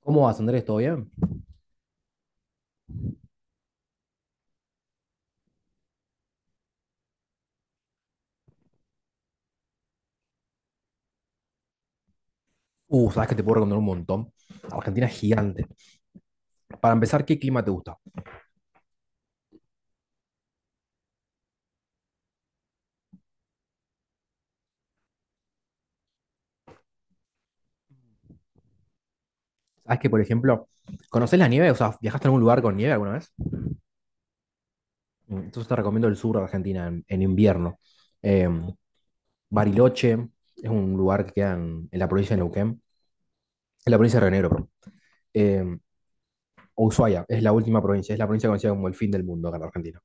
¿Cómo vas, Andrés? ¿Todo bien? Sabes que te puedo recomendar un montón. Argentina es gigante. Para empezar, ¿qué clima te gusta? Sabes que, por ejemplo, ¿conoces la nieve? O sea, ¿viajaste a algún lugar con nieve alguna vez? Entonces te recomiendo el sur de Argentina en invierno. Eh, Bariloche es un lugar que queda en la provincia de Neuquén, en la provincia de Río Negro, perdón. Eh, Ushuaia es la última provincia, es la provincia conocida como el fin del mundo acá en la Argentina.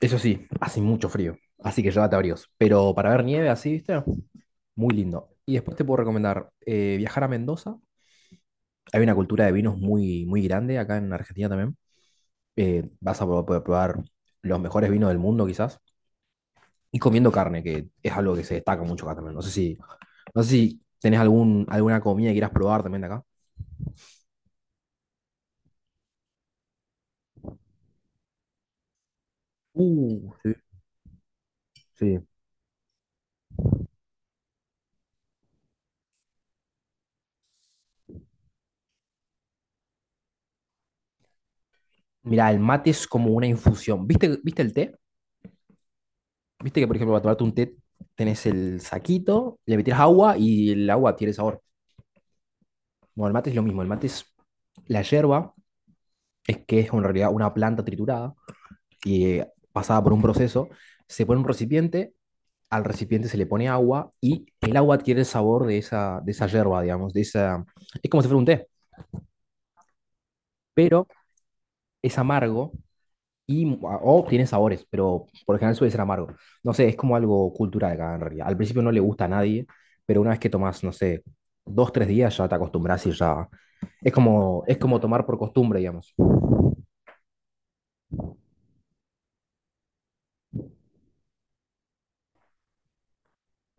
Eso sí, hace mucho frío, así que llévate abrigos. Pero para ver nieve así, ¿viste? Muy lindo. Y después te puedo recomendar viajar a Mendoza. Hay una cultura de vinos muy, muy grande acá en Argentina también. Vas a poder probar los mejores vinos del mundo quizás. Y comiendo carne, que es algo que se destaca mucho acá también. No sé si tenés alguna comida que quieras probar también de acá. Sí, sí. Mira, el mate es como una infusión. Viste el té? ¿Viste que, por ejemplo, para tomarte un té tenés el saquito, le metés agua y el agua tiene sabor? Bueno, el mate es lo mismo. El mate es la yerba, es que es en realidad una planta triturada y pasada por un proceso, se pone un recipiente, al recipiente se le pone agua y el agua adquiere el sabor de de esa yerba, digamos, de esa... Es como si fuera un té, pero es amargo y o tiene sabores, pero por lo general suele ser amargo. No sé, es como algo cultural acá en realidad. Al principio no le gusta a nadie, pero una vez que tomas, no sé, dos, tres días ya te acostumbras y ya... es como tomar por costumbre, digamos.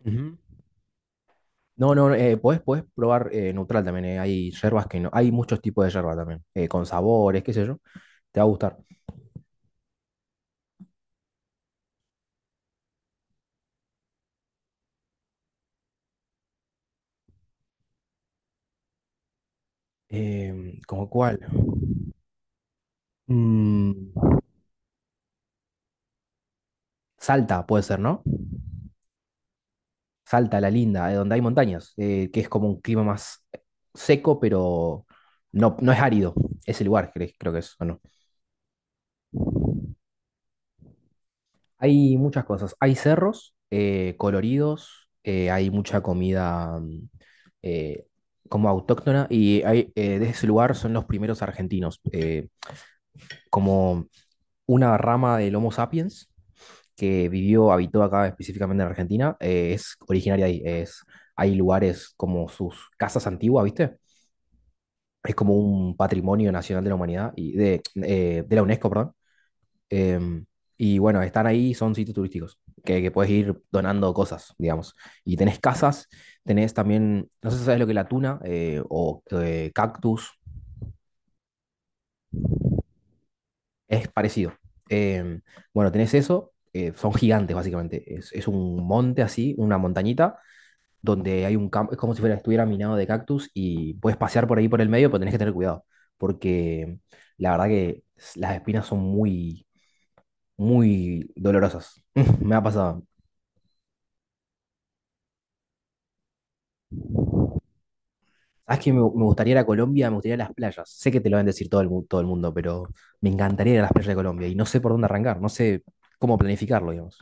Ujú. No, no, no, podés, podés probar neutral también. Hay yerbas que no. Hay muchos tipos de yerba también, con sabores, qué sé yo. Te va a gustar. Em, ¿cómo cuál? Mm. Salta puede ser, ¿no? Salta, la linda, donde hay montañas, que es como un clima más seco, pero no es árido. Ese lugar, creo que es, ¿o no? Hay muchas cosas. Hay cerros coloridos, hay mucha comida eh, como autóctona y hay, de ese lugar son los primeros argentinos, como una rama del Homo sapiens que vivió, habitó acá específicamente en Argentina. Eh, es originaria de ahí. Es, hay lugares como sus casas antiguas, ¿viste? Es como un patrimonio nacional de la humanidad y de la UNESCO, perdón. Em, y bueno, están ahí, son sitios turísticos, que puedes ir donando cosas, digamos. Y tenés casas, tenés también, no sé si sabes lo que es la tuna o cactus, es parecido. Em, bueno, tenés eso, son gigantes básicamente, es un monte así, una montañita, donde hay un campo, es como si fuera, estuviera minado de cactus y puedes pasear por ahí por el medio, pero tenés que tener cuidado, porque la verdad que las espinas son muy, muy dolorosas. Me ha pasado. ¿Sabes que me gustaría ir a Colombia? Me gustaría ir a las playas. Sé que te lo van a decir todo el, todo el mundo, pero me encantaría ir a las playas de Colombia y no sé por dónde arrancar, no sé cómo planificarlo, digamos.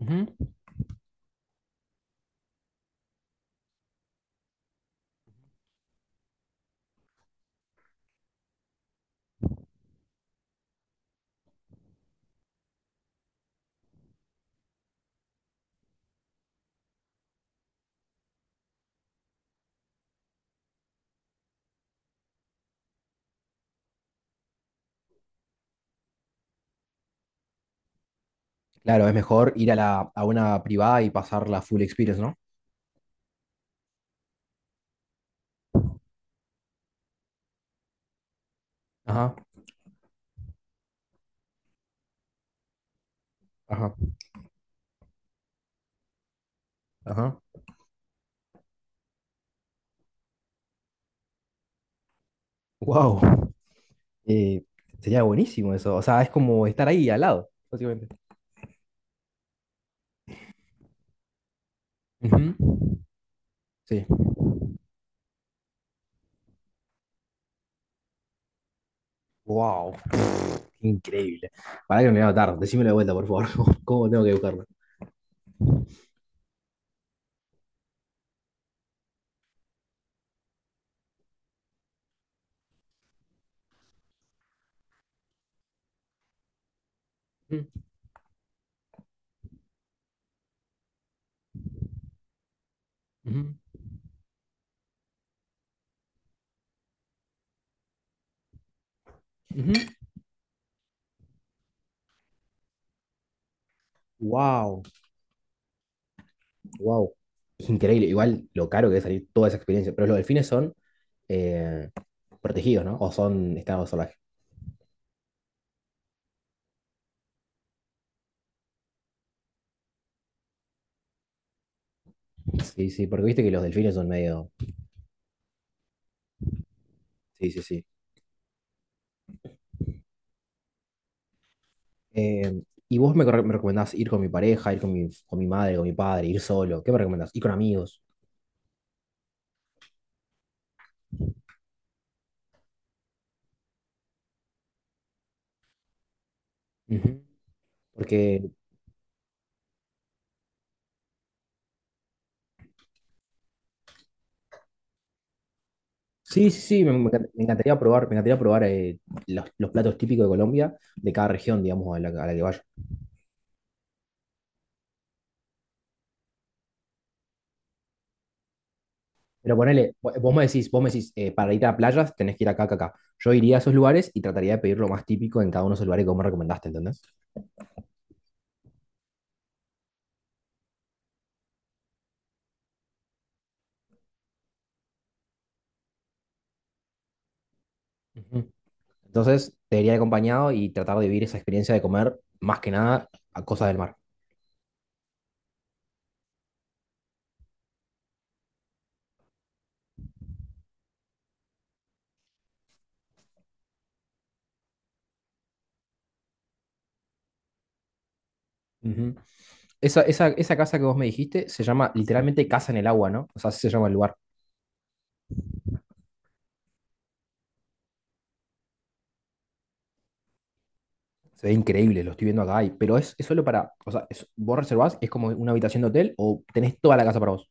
Ujú. Claro, es mejor ir a, la, a una privada y pasar la full experience, ¿no? Ajá, ajá, ajá. Wow, sería buenísimo eso. O sea, es como estar ahí al lado, básicamente. Ujú. Sí. Wow, increíble. Para que no me voy a notar, decímelo de vuelta, por favor. ¿Cómo tengo que buscarlo? Wow. Wow. Increíble. Igual lo caro que debe salir toda esa experiencia. Pero los delfines son eh, protegidos, ¿no? O son estado salvaje. Sí, sí, porque viste que los delfines son medio. Sí, sí, sí. Eh, y vos me, me recomendás ir con mi pareja, ir con mi madre, con mi padre, ir solo. ¿Qué me recomendás? Ir con amigos. Ujú. Porque. Sí, sí, sí, me me encantaría probar los platos típicos de Colombia, de cada región, digamos, a la que vaya. Pero ponele, vos me decís, para ir a playas tenés que ir acá, acá, acá. Yo iría a esos lugares y trataría de pedir lo más típico en cada uno de esos lugares que vos me recomendaste, ¿entendés? Ujú. Entonces, te iría acompañado y tratar de vivir esa experiencia de comer, más que nada, a cosas del mar. Ujú. Esa casa que vos me dijiste se llama literalmente Casa en el Agua, ¿no? O sea, así se llama el lugar. Se ve increíble, lo estoy viendo acá, y- pero es solo para, o sea, es- vos reservás, es como una habitación de hotel o tenés toda la casa para vos.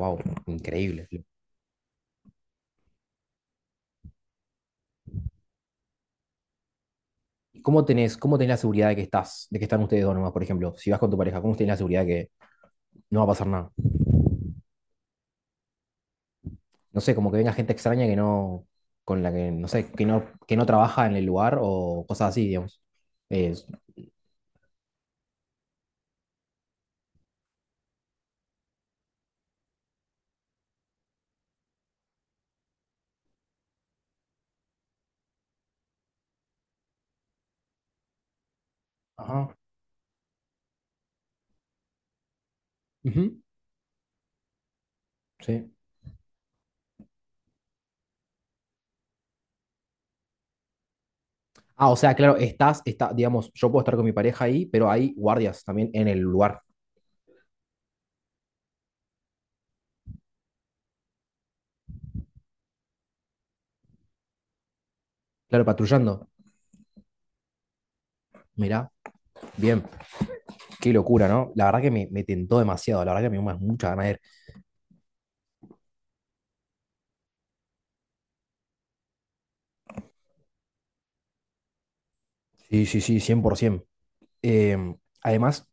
Wow, increíble. ¿Y ¿cómo tenés, cómo tenés la seguridad de que estás, de que están ustedes dos nomás, por ejemplo? Si vas con tu pareja, ¿cómo tenés la seguridad de que no va a pasar nada? No sé, como que venga gente extraña que no, con la que, no sé, que no trabaja en el lugar o cosas así, digamos. Es- ajá, ujú, sí. Ah, o sea, claro, está, digamos, yo puedo estar con mi pareja ahí, pero hay guardias también en el lugar. Claro, patrullando. Mirá, bien, qué locura, ¿no? La verdad que me tentó demasiado, la verdad que me dio mucha ganas de ir. Sí, sí, sí, 100%. Em, además,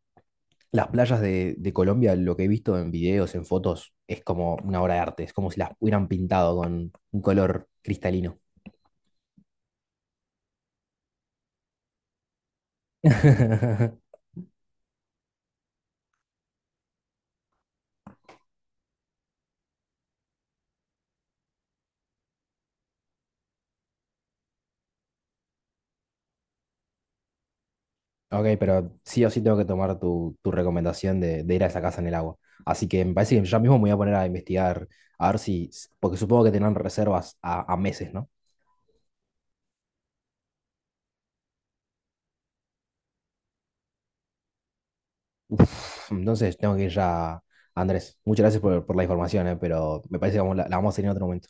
las playas de Colombia, lo que he visto en videos, en fotos, es como una obra de arte, es como si las hubieran pintado con un color cristalino. Ok, pero sí o sí tengo que tomar tu, tu recomendación de ir a esa casa en el agua. Así que me parece que ya mismo me voy a poner a investigar, a ver si, porque supongo que tendrán reservas a meses, ¿no? Uf, entonces tengo que ir ya, Andrés. Muchas gracias por la información, pero me parece que vamos, la vamos a tener en otro momento.